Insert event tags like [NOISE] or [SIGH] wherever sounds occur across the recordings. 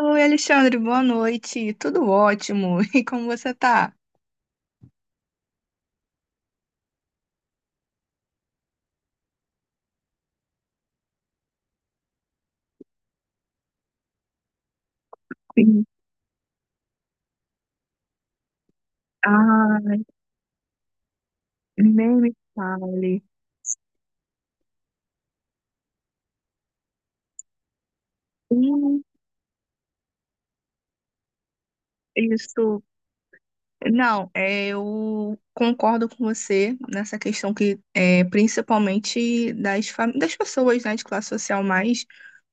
Oi, Alexandre, boa noite. Tudo ótimo. [LAUGHS] E como você tá? Sim. Ah, nem me fale. Hum. Isso. Não, é, eu concordo com você nessa questão que é principalmente das, das pessoas, né, de classe social mais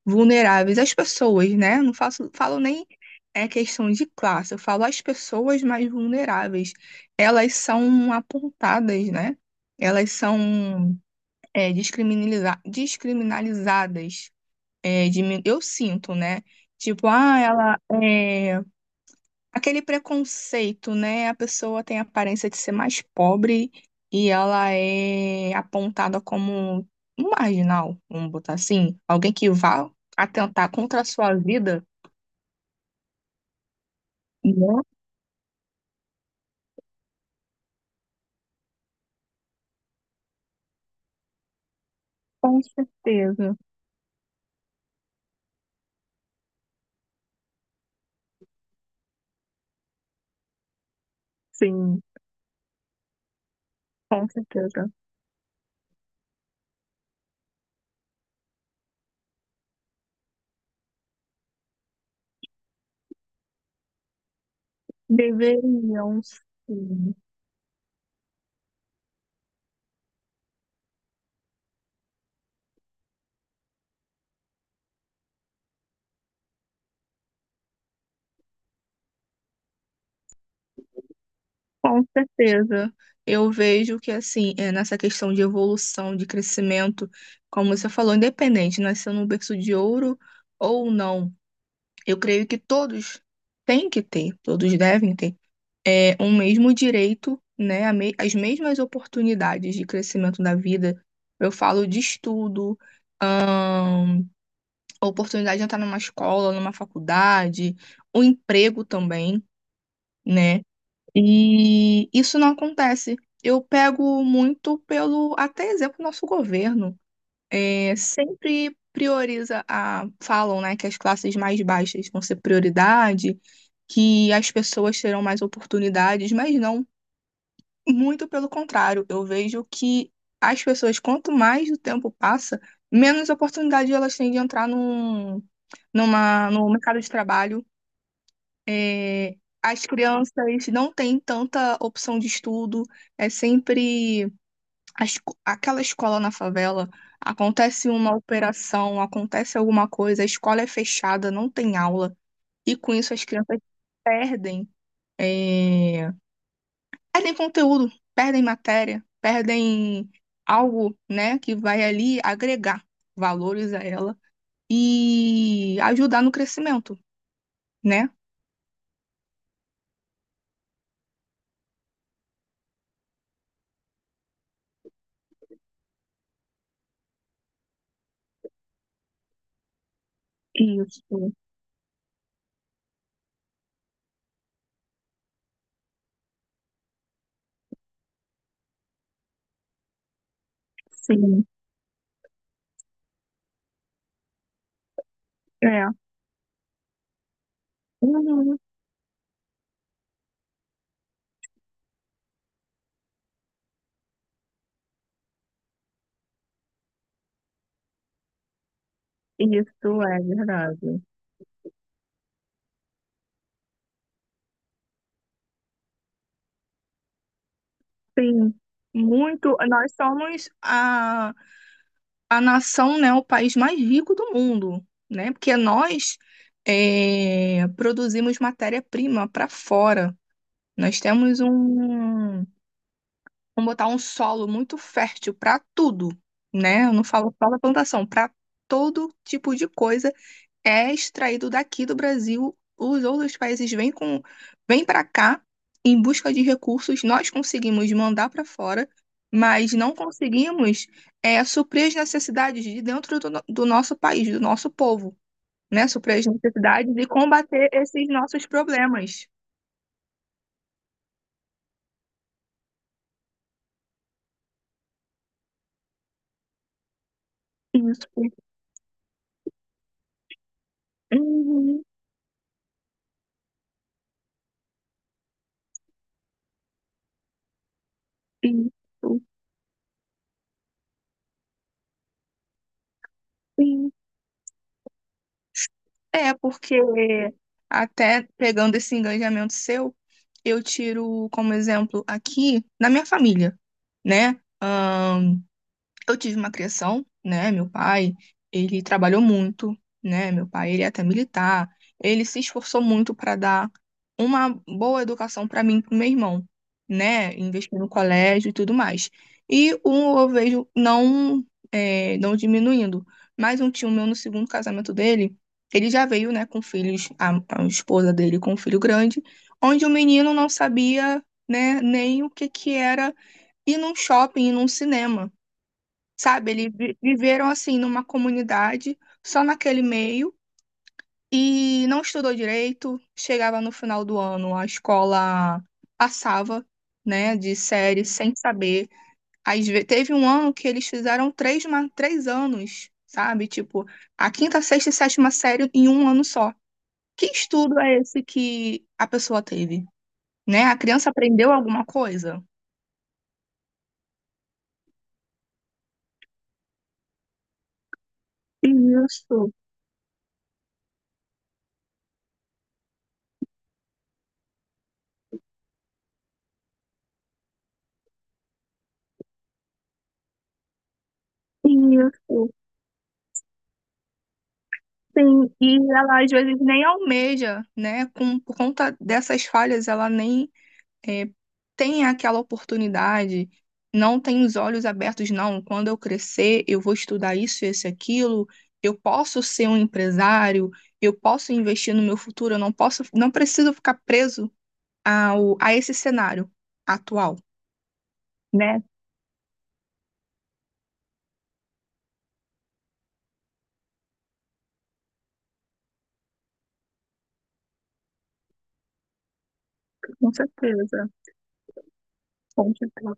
vulneráveis. As pessoas, né? Não faço, falo nem é questão de classe, eu falo as pessoas mais vulneráveis. Elas são apontadas, né? Elas são. É, descriminalizadas. É, eu sinto, né? Tipo, ah, ela é aquele preconceito, né? A pessoa tem a aparência de ser mais pobre e ela é apontada como um marginal, vamos botar assim, alguém que vá atentar contra a sua vida. Né? Com certeza, sim, com certeza. Deveriam, sim. Com certeza. Eu vejo que, assim, é, nessa questão de evolução, de crescimento, como você falou, independente, nasceu num berço de ouro ou não, eu creio que todos têm que ter, todos devem ter, é, um mesmo direito, né, as mesmas oportunidades de crescimento da vida. Eu falo de estudo, a oportunidade de entrar numa escola, numa faculdade, o emprego também, né? E isso não acontece. Eu pego muito pelo, até exemplo, nosso governo. É, sempre prioriza a, falam, né, que as classes mais baixas vão ser prioridade, que as pessoas terão mais oportunidades, mas não, muito pelo contrário. Eu vejo que as pessoas, quanto mais o tempo passa, menos oportunidade elas têm de entrar num, numa, no mercado de trabalho. É, as crianças não têm tanta opção de estudo, é sempre aquela escola na favela. Acontece uma operação, acontece alguma coisa, a escola é fechada, não tem aula, e com isso as crianças perdem, é, perdem conteúdo, perdem matéria, perdem algo, né, que vai ali agregar valores a ela e ajudar no crescimento, né? Isso, sim. É. Uhum. Isso é verdade. Sim, muito. Nós somos a nação, né, o país mais rico do mundo, né? Porque nós é, produzimos matéria-prima para fora. Nós temos um, vamos botar um solo muito fértil para tudo, né? Eu não falo só da plantação, para todo tipo de coisa é extraído daqui do Brasil, os outros países vêm com, vêm para cá em busca de recursos, nós conseguimos mandar para fora, mas não conseguimos é, suprir as necessidades de dentro do, do nosso país, do nosso povo, né? Suprir as necessidades e combater esses nossos problemas. Isso. Uhum. Isso. Sim. É, porque até pegando esse engajamento seu, eu tiro como exemplo aqui na minha família, né? Eu tive uma criação, né? Meu pai, ele trabalhou muito, né? Meu pai, ele é até militar. Ele se esforçou muito para dar uma boa educação para mim e para meu irmão, né? Investir no colégio e tudo mais. E um eu vejo não, é, não diminuindo, mas um tio meu no segundo casamento dele, ele já veio, né, com filhos, a esposa dele com um filho grande, onde o menino não sabia, né, nem o que que era ir num shopping, ir num cinema, sabe? Eles viveram assim numa comunidade, só naquele meio, e não estudou direito. Chegava no final do ano, a escola passava, né, de série sem saber. Teve um ano que eles fizeram três, 3 anos, sabe? Tipo, a quinta, sexta e sétima série em um ano só. Que estudo é esse que a pessoa teve? Né? A criança aprendeu alguma coisa? Isso, isso. Sim, e ela às vezes nem almeja, né? Com, por conta dessas falhas, ela nem é, tem aquela oportunidade, não tem os olhos abertos, não. Quando eu crescer, eu vou estudar isso, esse, aquilo, eu posso ser um empresário, eu posso investir no meu futuro, eu não posso, não preciso ficar preso ao, a esse cenário atual, né? Com certeza, com certeza,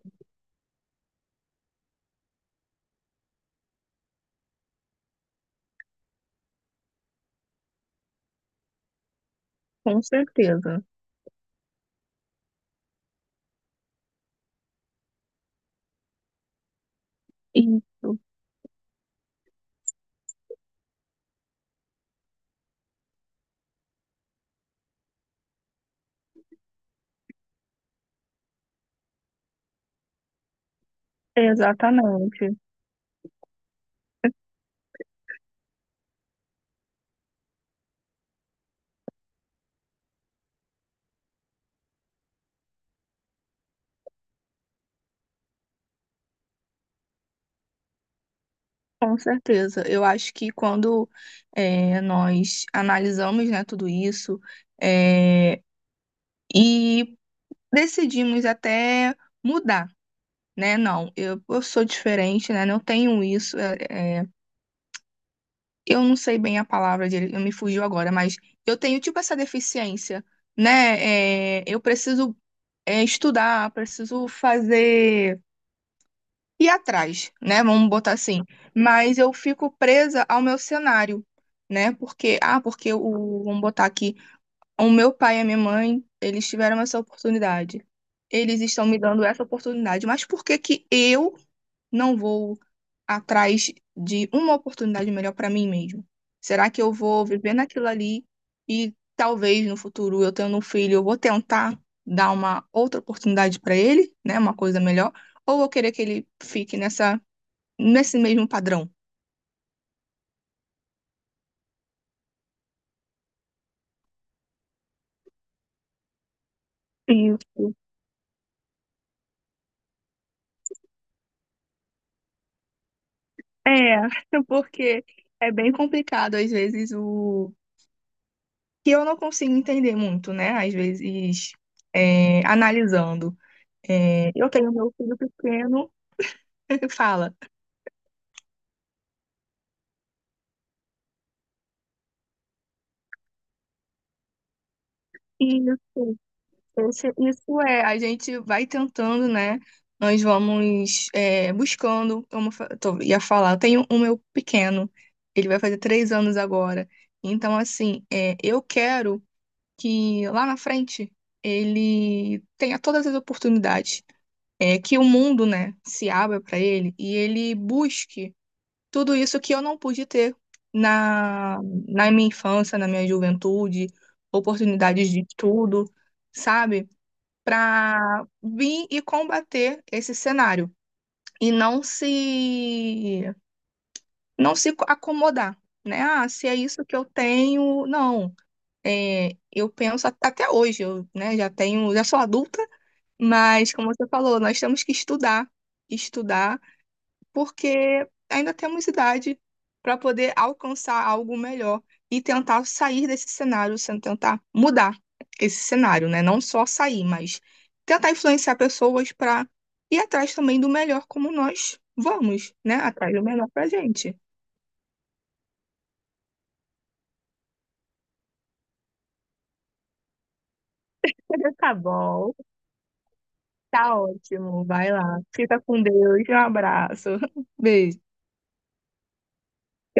com certeza. Isso, exatamente. Com certeza. Eu acho que quando nós analisamos, né, tudo isso eh, e decidimos até mudar, né? Não, eu sou diferente, né? Não tenho isso. Eh, eu não sei bem a palavra dele, me fugiu agora, mas eu tenho tipo essa deficiência, né? Eu preciso estudar, preciso fazer e atrás, né? Vamos botar assim. Mas eu fico presa ao meu cenário, né? Porque, ah, porque o, vamos botar aqui, o meu pai e a minha mãe, eles tiveram essa oportunidade. Eles estão me dando essa oportunidade. Mas por que que eu não vou atrás de uma oportunidade melhor para mim mesmo? Será que eu vou viver naquilo ali e talvez no futuro eu tendo um filho, eu vou tentar dar uma outra oportunidade para ele, né, uma coisa melhor, ou eu vou querer que ele fique nessa nesse mesmo padrão? Isso. É, [LAUGHS] porque é bem complicado às vezes o que eu não consigo entender muito, né? Às vezes é, analisando. É, eu tenho meu filho pequeno, [LAUGHS] que fala. Isso, isso é, a gente vai tentando, né? Nós vamos é, buscando, como eu ia falar, eu tenho um meu pequeno, ele vai fazer 3 anos agora. Então, assim, é, eu quero que lá na frente ele tenha todas as oportunidades, é, que o mundo, né, se abra para ele e ele busque. Tudo isso que eu não pude ter na, na minha infância, na minha juventude, oportunidades de estudo, sabe? Para vir e combater esse cenário e não se acomodar, né? Ah, se é isso que eu tenho, não. É, eu penso até hoje, eu, né, já tenho, já sou adulta, mas como você falou, nós temos que estudar, estudar porque ainda temos idade para poder alcançar algo melhor e tentar sair desse cenário, sem tentar mudar esse cenário, né? Não só sair, mas tentar influenciar pessoas para ir atrás também do melhor como nós vamos, né? Atrás do melhor pra gente. [LAUGHS] Tá bom, tá ótimo. Vai lá. Fica com Deus. Um abraço. [LAUGHS] Beijo.